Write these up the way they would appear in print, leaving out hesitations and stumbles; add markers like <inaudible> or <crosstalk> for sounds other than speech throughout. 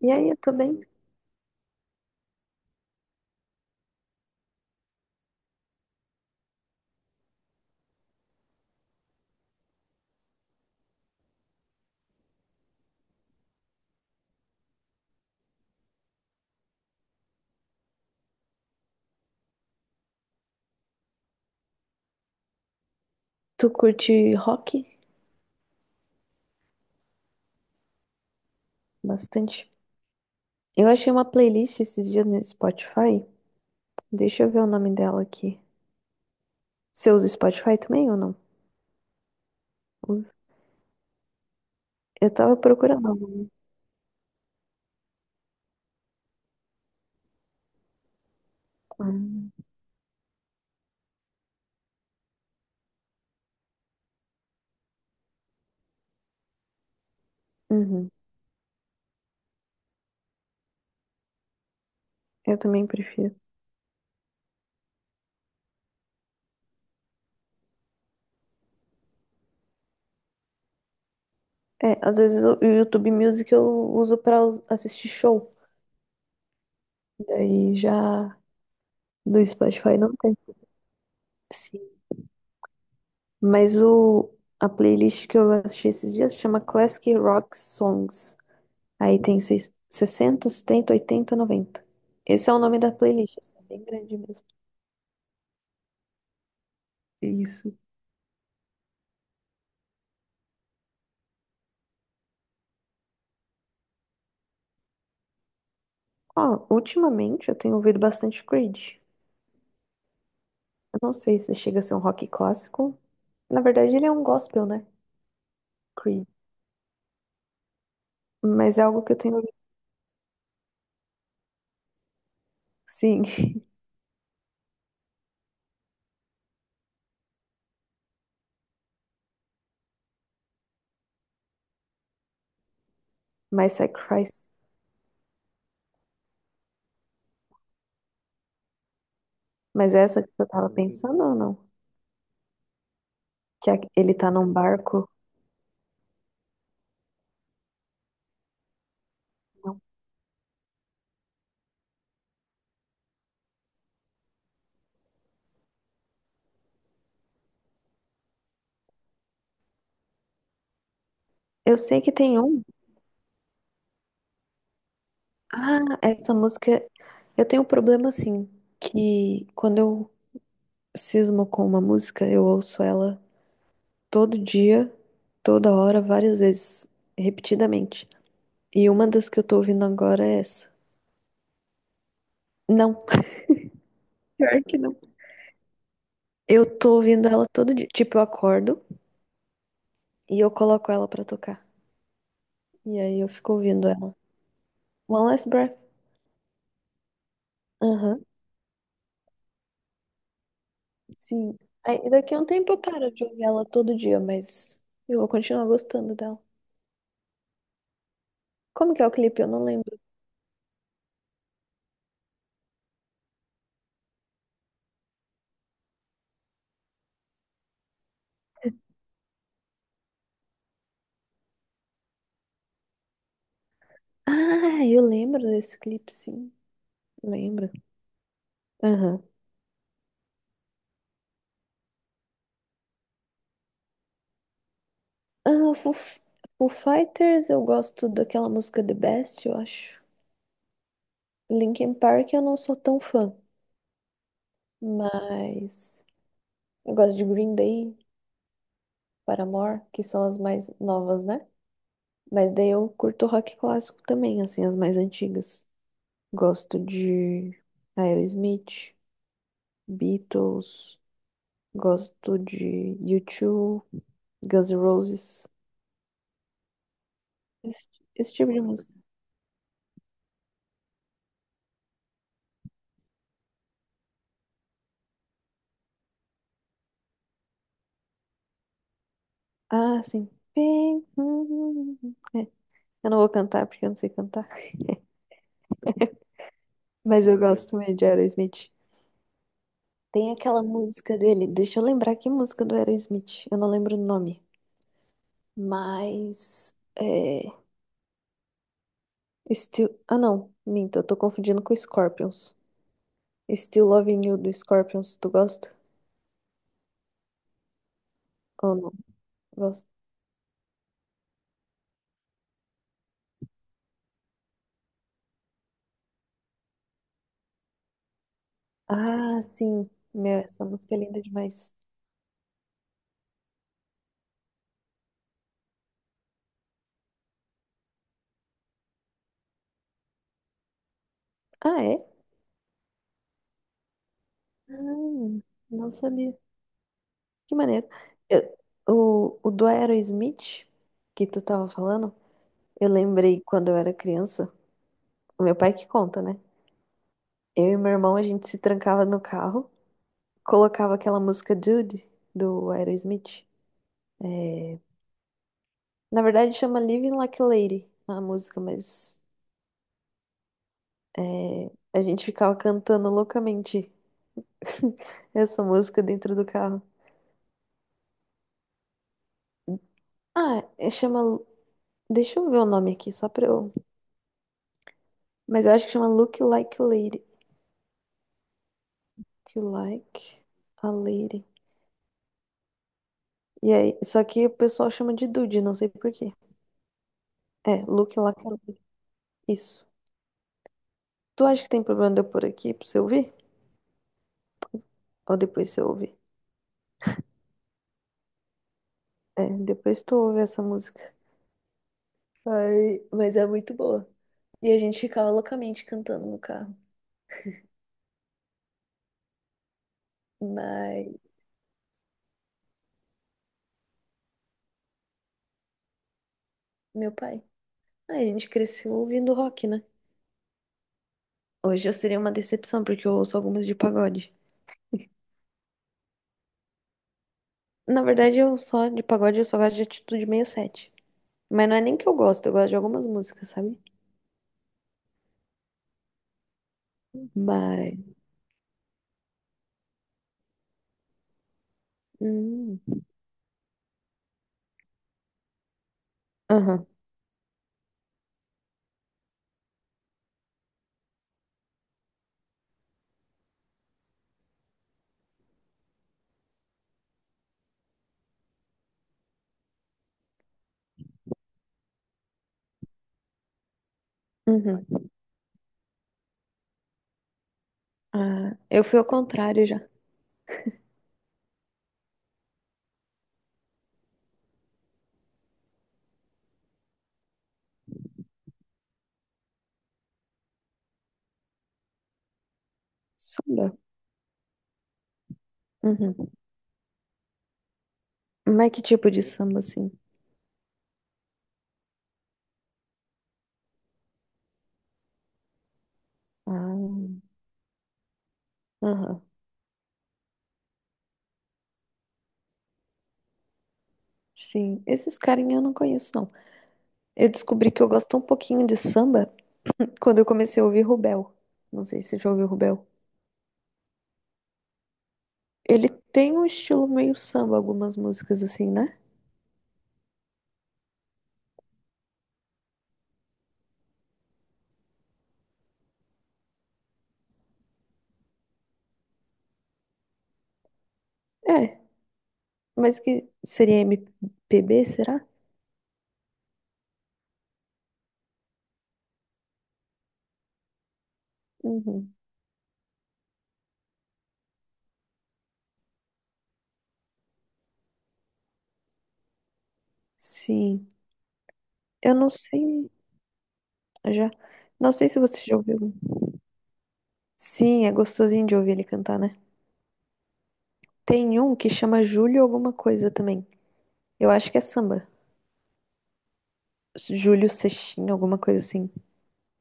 E aí, eu tô bem. Tu curte rock? Bastante. Eu achei uma playlist esses dias no Spotify. Deixa eu ver o nome dela aqui. Você usa Spotify também ou não? Uso. Eu tava procurando algum. Ah. Uhum. Eu também prefiro. É, às vezes o YouTube Music eu uso pra assistir show. Daí já do Spotify não tem. Sim. Mas o, a playlist que eu achei esses dias chama Classic Rock Songs. Aí tem 60, 70, 80, 90. Esse é o nome da playlist, assim, bem grande mesmo. Isso. Ó, ultimamente eu tenho ouvido bastante Creed. Eu não sei se chega a ser um rock clássico. Na verdade, ele é um gospel, né? Creed. Mas é algo que eu tenho ouvido. Sim, <laughs> My Sacrifice. Mas é essa que eu tava pensando ou não? Que ele tá num barco? Não. Eu sei que tem um. Ah, essa música. Eu tenho um problema assim, que quando eu cismo com uma música, eu ouço ela todo dia, toda hora, várias vezes, repetidamente. E uma das que eu tô ouvindo agora é essa. Não, <laughs> pior que não. Eu tô ouvindo ela todo dia. Tipo, eu acordo e eu coloco ela pra tocar. E aí eu fico ouvindo ela. One Last Breath. Aham, sim. Aí daqui a um tempo eu paro de ouvir ela todo dia, mas eu vou continuar gostando dela. Como que é o clipe? Eu não lembro. Ah, eu lembro desse clipe, sim. Lembro. Aham. Ah, Foo, Foo Fighters, eu gosto daquela música The Best, eu acho. Linkin Park eu não sou tão fã, mas eu gosto de Green Day, Paramore, que são as mais novas, né? Mas daí eu curto rock clássico também, assim, as mais antigas. Gosto de Aerosmith, Beatles, gosto de U2, Guns N' Roses, esse, esse tipo de música. Ah, sim. Bem, hum, hum. É, eu não vou cantar porque eu não sei cantar. Mas eu gosto também de Aerosmith. Tem aquela música dele, deixa eu lembrar que música do Aerosmith, eu não lembro o nome, mas é Still, ah não, minta, eu tô confundindo com Scorpions. Still Loving You do Scorpions, tu gosta? Ou não? Gosto. Ah, sim. Meu, essa música é linda demais. Ah, é? Ah, não sabia. Que maneiro. Eu- o do Aerosmith que tu tava falando, eu lembrei quando eu era criança, o meu pai que conta, né? Eu e meu irmão, a gente se trancava no carro, colocava aquela música Dude, do Aerosmith. Na verdade, chama Living Like a Lady, a música, mas é, a gente ficava cantando loucamente <laughs> essa música dentro do carro. Ah, chama. Deixa eu ver o nome aqui, só pra eu. Mas eu acho que chama Look Like a Lady. Look Like a Lady. E aí, só que o pessoal chama de Dude, não sei por quê. É, Look Like a Lady. Isso. Tu acha que tem problema de eu pôr aqui pra você ouvir? Ou depois você ouve. É, depois tu ouve essa música. Ai, mas é muito boa. E a gente ficava loucamente cantando no carro. Mas, meu pai. Ai, a gente cresceu ouvindo rock, né? Hoje eu seria uma decepção, porque eu ouço algumas de pagode. Na verdade, eu só, de pagode, eu só gosto de Atitude 67. Mas não é nem que eu gosto de algumas músicas, sabe? Mas. Hum. Aham. Uhum. Ah, eu fui ao contrário já. Samba. Uhum. Mas que tipo de samba, assim? Ah, aham. Sim, esses carinha eu não conheço, não. Eu descobri que eu gosto um pouquinho de samba quando eu comecei a ouvir Rubel. Não sei se você já ouviu Rubel. Ele tem um estilo meio samba, algumas músicas assim, né? É, mas que seria MPB, será? Uhum. Sim. Eu não sei, já. Não sei se você já ouviu. Sim, é gostosinho de ouvir ele cantar, né? Tem um que chama Júlio alguma coisa também. Eu acho que é samba. Júlio Seixinho, alguma coisa assim.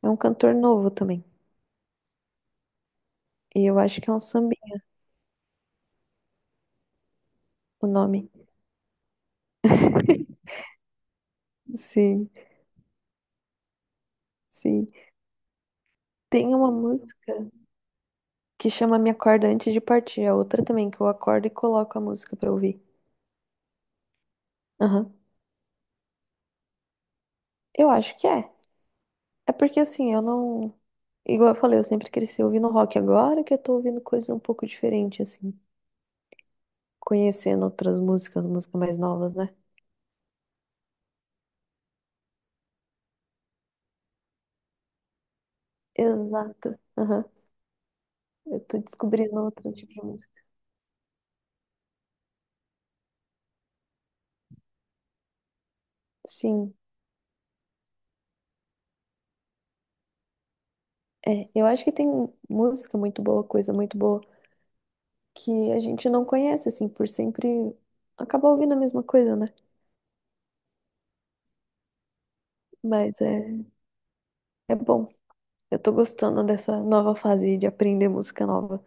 É um cantor novo também. E eu acho que é um sambinha o nome. <laughs> Sim, sim. Tem uma música que chama Me Acorda Antes de Partir. A outra também, que eu acordo e coloco a música pra ouvir. Aham. Eu acho que é. É porque assim, eu não. Igual eu falei, eu sempre cresci ouvindo rock. Agora que eu tô ouvindo coisas um pouco diferente, assim. Conhecendo outras músicas, músicas mais novas, né? Exato. Aham. Eu tô descobrindo outro tipo de música. Sim. É, eu acho que tem música muito boa, coisa muito boa que a gente não conhece, assim, por sempre acaba ouvindo a mesma coisa, né? Mas é, é bom. Eu tô gostando dessa nova fase de aprender música nova.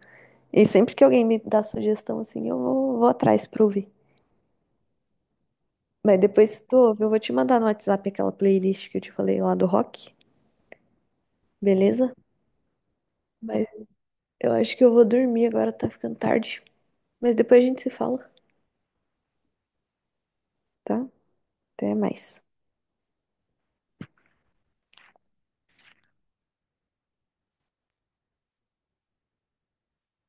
E sempre que alguém me dá sugestão, assim, eu vou atrás pra ouvir. Mas depois, se tu ouve, eu vou te mandar no WhatsApp aquela playlist que eu te falei lá do rock, beleza? Mas eu acho que eu vou dormir agora, tá ficando tarde. Mas depois a gente se fala, tá? Até mais.